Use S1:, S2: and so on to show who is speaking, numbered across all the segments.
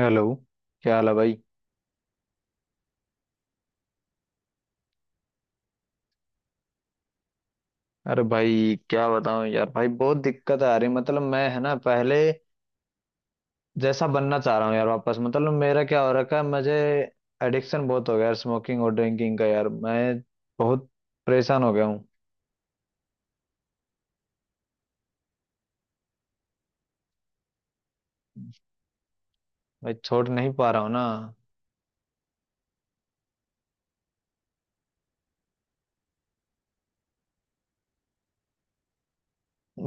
S1: Hello. क्या हाल है भाई? अरे भाई, क्या बताऊं यार। भाई बहुत दिक्कत आ रही, मतलब मैं है ना, पहले जैसा बनना चाह रहा हूँ यार वापस। मतलब मेरा क्या हो रखा है, मुझे एडिक्शन बहुत हो गया यार, स्मोकिंग और ड्रिंकिंग का। यार मैं बहुत परेशान हो गया हूँ। भाई छोड़ नहीं पा रहा हूँ ना।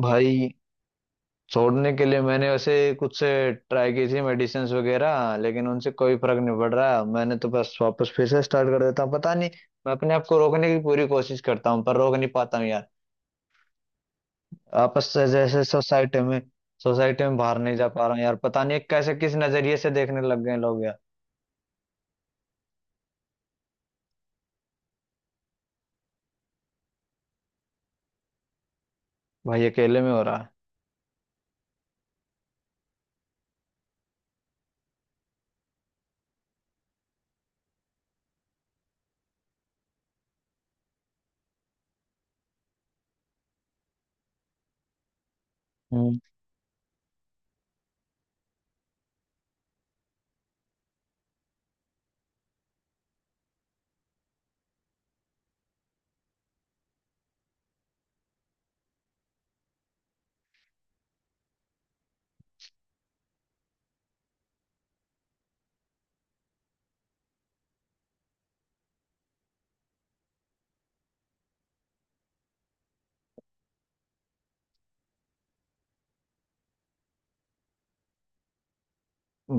S1: भाई छोड़ने के लिए मैंने वैसे कुछ से ट्राई की थी, मेडिसिन वगैरह, लेकिन उनसे कोई फर्क नहीं पड़ रहा। मैंने तो बस वापस फिर से स्टार्ट कर देता हूँ। पता नहीं, मैं अपने आप को रोकने की पूरी कोशिश करता हूँ पर रोक नहीं पाता हूँ यार। आपस से जैसे सोसाइटी में बाहर नहीं जा पा रहा हूँ यार। पता नहीं कैसे, किस नजरिए से देखने लग गए लोग यार। भाई अकेले में हो रहा है। हम्म।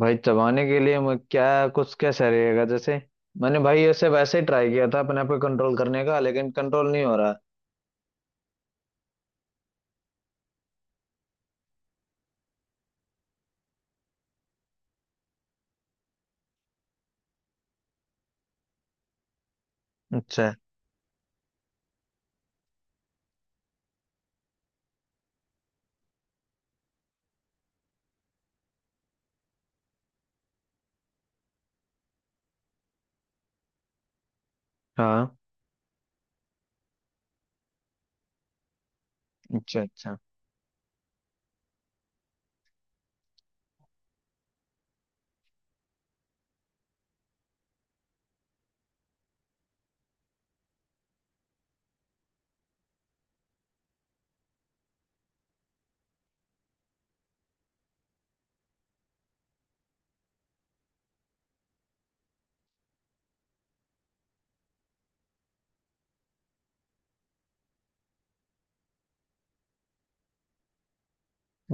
S1: भाई चबाने के लिए मैं क्या, कुछ कैसा रहेगा? जैसे मैंने भाई ऐसे वैसे ही ट्राई किया था अपने पे कंट्रोल करने का, लेकिन कंट्रोल नहीं हो रहा। अच्छा। हाँ। अच्छा, अच्छा।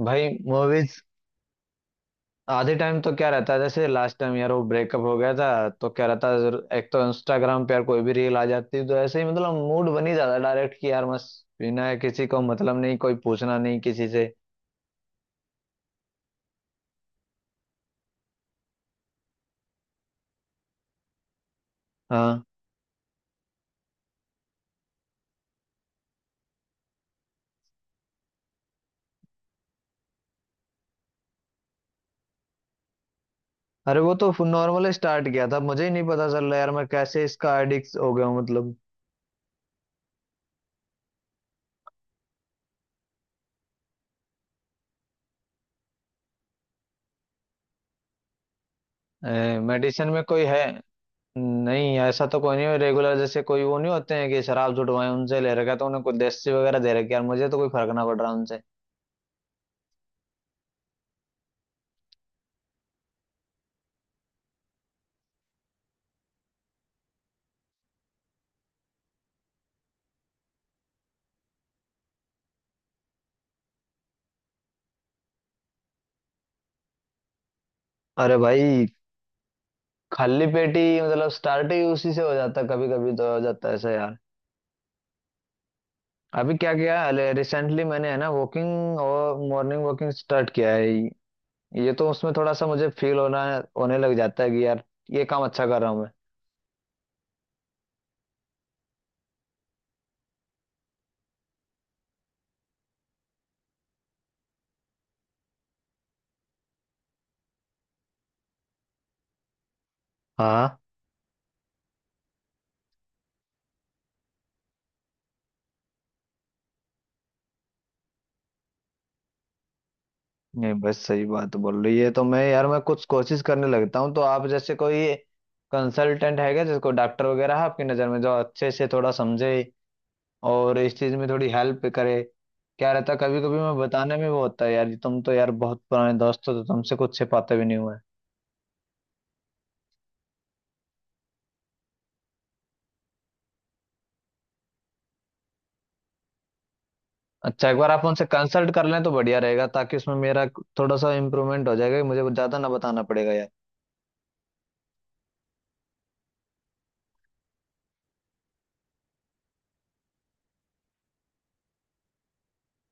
S1: भाई मूवीज, आधे टाइम तो क्या रहता है? जैसे लास्ट टाइम यार वो ब्रेकअप हो गया था तो क्या रहता है, एक तो इंस्टाग्राम पे यार कोई भी रील आ जाती है तो ऐसे ही मतलब मूड बन ही जाता डायरेक्ट कि यार बस, बिना किसी को मतलब नहीं, कोई पूछना नहीं किसी से। हाँ। अरे वो तो नॉर्मल स्टार्ट किया था, मुझे ही नहीं पता चल रहा यार मैं कैसे इसका एडिक्ट हो गया हूँ मतलब। मेडिसिन में कोई है? नहीं, ऐसा तो कोई नहीं है रेगुलर, जैसे कोई वो नहीं होते हैं कि शराब जुटवाए। उनसे ले रखा है, तो उन्हें कुछ देसी वगैरह दे रखी है। यार मुझे तो कोई फर्क ना पड़ रहा उनसे। अरे भाई! खाली पेट ही मतलब स्टार्ट ही उसी से हो जाता, कभी कभी तो हो जाता है ऐसा यार। अभी क्या किया? रिसेंटली मैंने है ना वॉकिंग और मॉर्निंग वॉकिंग स्टार्ट किया है। ये तो उसमें थोड़ा सा मुझे फील होना होने लग जाता है कि यार ये काम अच्छा कर रहा हूँ मैं। हाँ। नहीं बस सही बात बोल रही है तो मैं कुछ कोशिश करने लगता हूँ। तो आप जैसे कोई कंसल्टेंट है क्या, जिसको डॉक्टर वगैरह है आपकी नज़र में, जो अच्छे से थोड़ा समझे और इस चीज में थोड़ी हेल्प करे। क्या रहता, कभी कभी मैं बताने में वो होता है यार। तुम तो यार बहुत पुराने दोस्त हो तो तुमसे कुछ छिपाते भी नहीं हुए। अच्छा, एक बार आप उनसे कंसल्ट कर लें तो बढ़िया रहेगा, ताकि उसमें मेरा थोड़ा सा इम्प्रूवमेंट हो जाएगा, मुझे वो ज्यादा ना बताना पड़ेगा यार।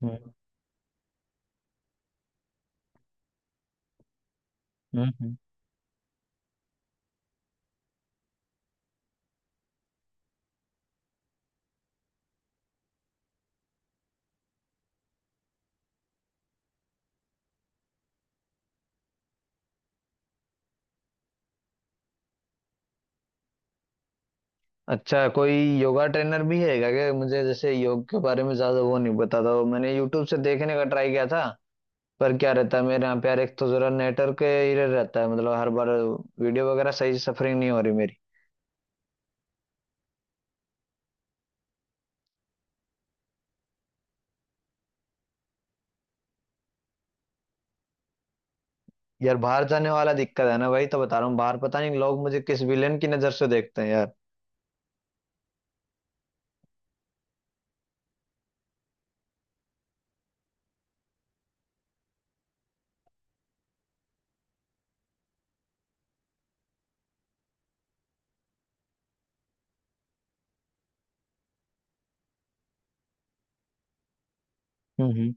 S1: हम्म, हम्म, अच्छा कोई योगा ट्रेनर भी है क्या? क्या, मुझे जैसे योग के बारे में ज्यादा वो नहीं पता था। वो मैंने यूट्यूब से देखने का ट्राई किया था। पर क्या रहता है, मेरे यहाँ पे यार एक तो जरा नेटवर्क एरर रहता है, मतलब हर बार वीडियो वगैरह सही सफरिंग नहीं हो रही मेरी। यार बाहर जाने वाला दिक्कत है ना भाई, तो बता रहा हूँ, बाहर पता नहीं लोग मुझे किस विलेन की नजर से देखते हैं यार। हम्म,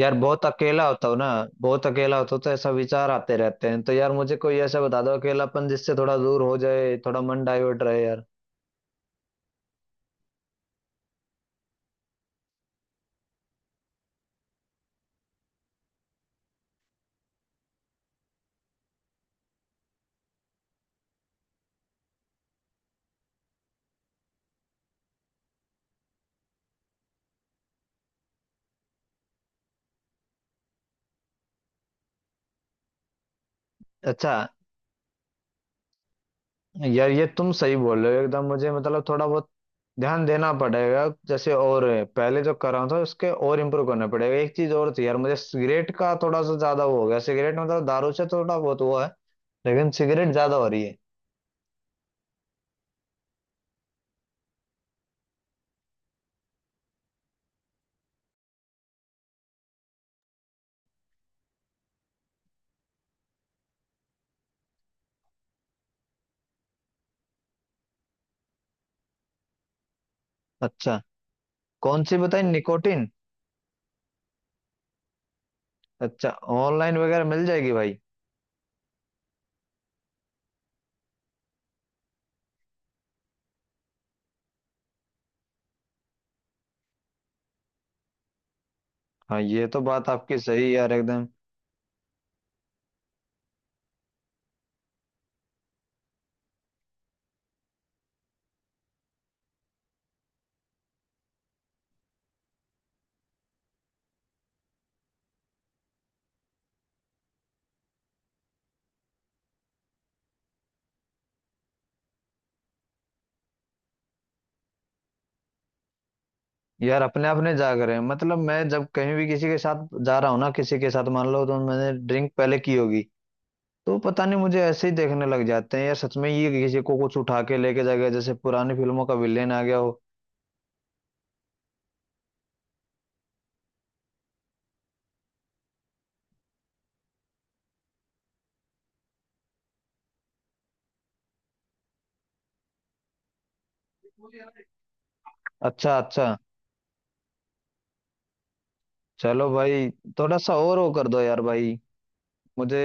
S1: यार बहुत अकेला होता हूँ ना, बहुत अकेला होता हूँ तो ऐसा विचार आते रहते हैं। तो यार मुझे कोई ऐसा बता दो अकेलापन जिससे थोड़ा दूर हो जाए, थोड़ा मन डाइवर्ट रहे यार। अच्छा। यार ये तुम सही बोल रहे हो एकदम। मुझे मतलब थोड़ा बहुत ध्यान देना पड़ेगा जैसे, और पहले जो कर रहा था उसके और इम्प्रूव करना पड़ेगा। एक चीज और थी यार, मुझे सिगरेट का थोड़ा सा ज्यादा वो हो गया। सिगरेट मतलब दारू से थोड़ा बहुत वो है, लेकिन सिगरेट ज्यादा हो रही है। अच्छा, कौन सी बताई, निकोटिन? अच्छा, ऑनलाइन वगैरह मिल जाएगी भाई? हाँ, ये तो बात आपकी सही है यार एकदम। यार अपने आप नहीं जाग रहे हैं, मतलब मैं जब कहीं भी किसी के साथ जा रहा हूँ ना, किसी के साथ मान लो तो मैंने ड्रिंक पहले की होगी, तो पता नहीं मुझे ऐसे ही देखने लग जाते हैं यार। सच में, ये किसी को कुछ उठा के लेके जा गया जैसे पुरानी फिल्मों का विलेन आ गया हो। अच्छा, अच्छा। चलो भाई। थोड़ा सा और वो कर दो यार भाई, मुझे।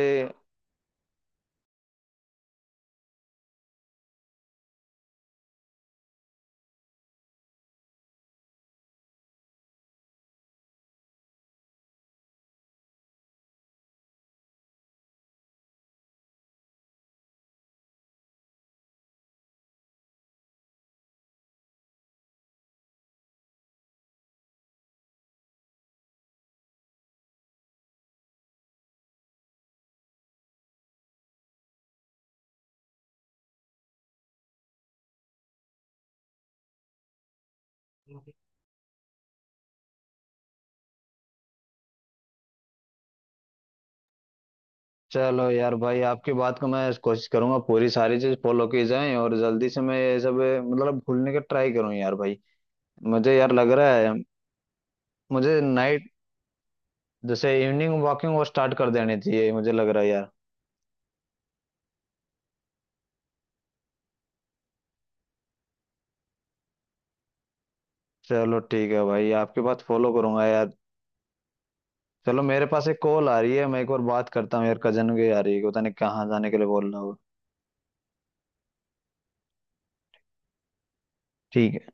S1: चलो यार भाई आपकी बात को मैं कोशिश करूंगा, पूरी सारी चीज फॉलो की जाए, और जल्दी से मैं ये सब मतलब भूलने का ट्राई करूँ यार भाई। मुझे यार लग रहा है, मुझे नाइट जैसे इवनिंग वॉकिंग वो स्टार्ट कर देनी चाहिए, मुझे लग रहा है यार। चलो ठीक है भाई, आपकी बात फॉलो करूंगा यार। चलो, मेरे पास एक कॉल आ रही है, मैं एक बार बात करता हूँ यार। कजन की आ रही है, पता नहीं कहाँ जाने के लिए बोल रहा हूँ। ठीक है।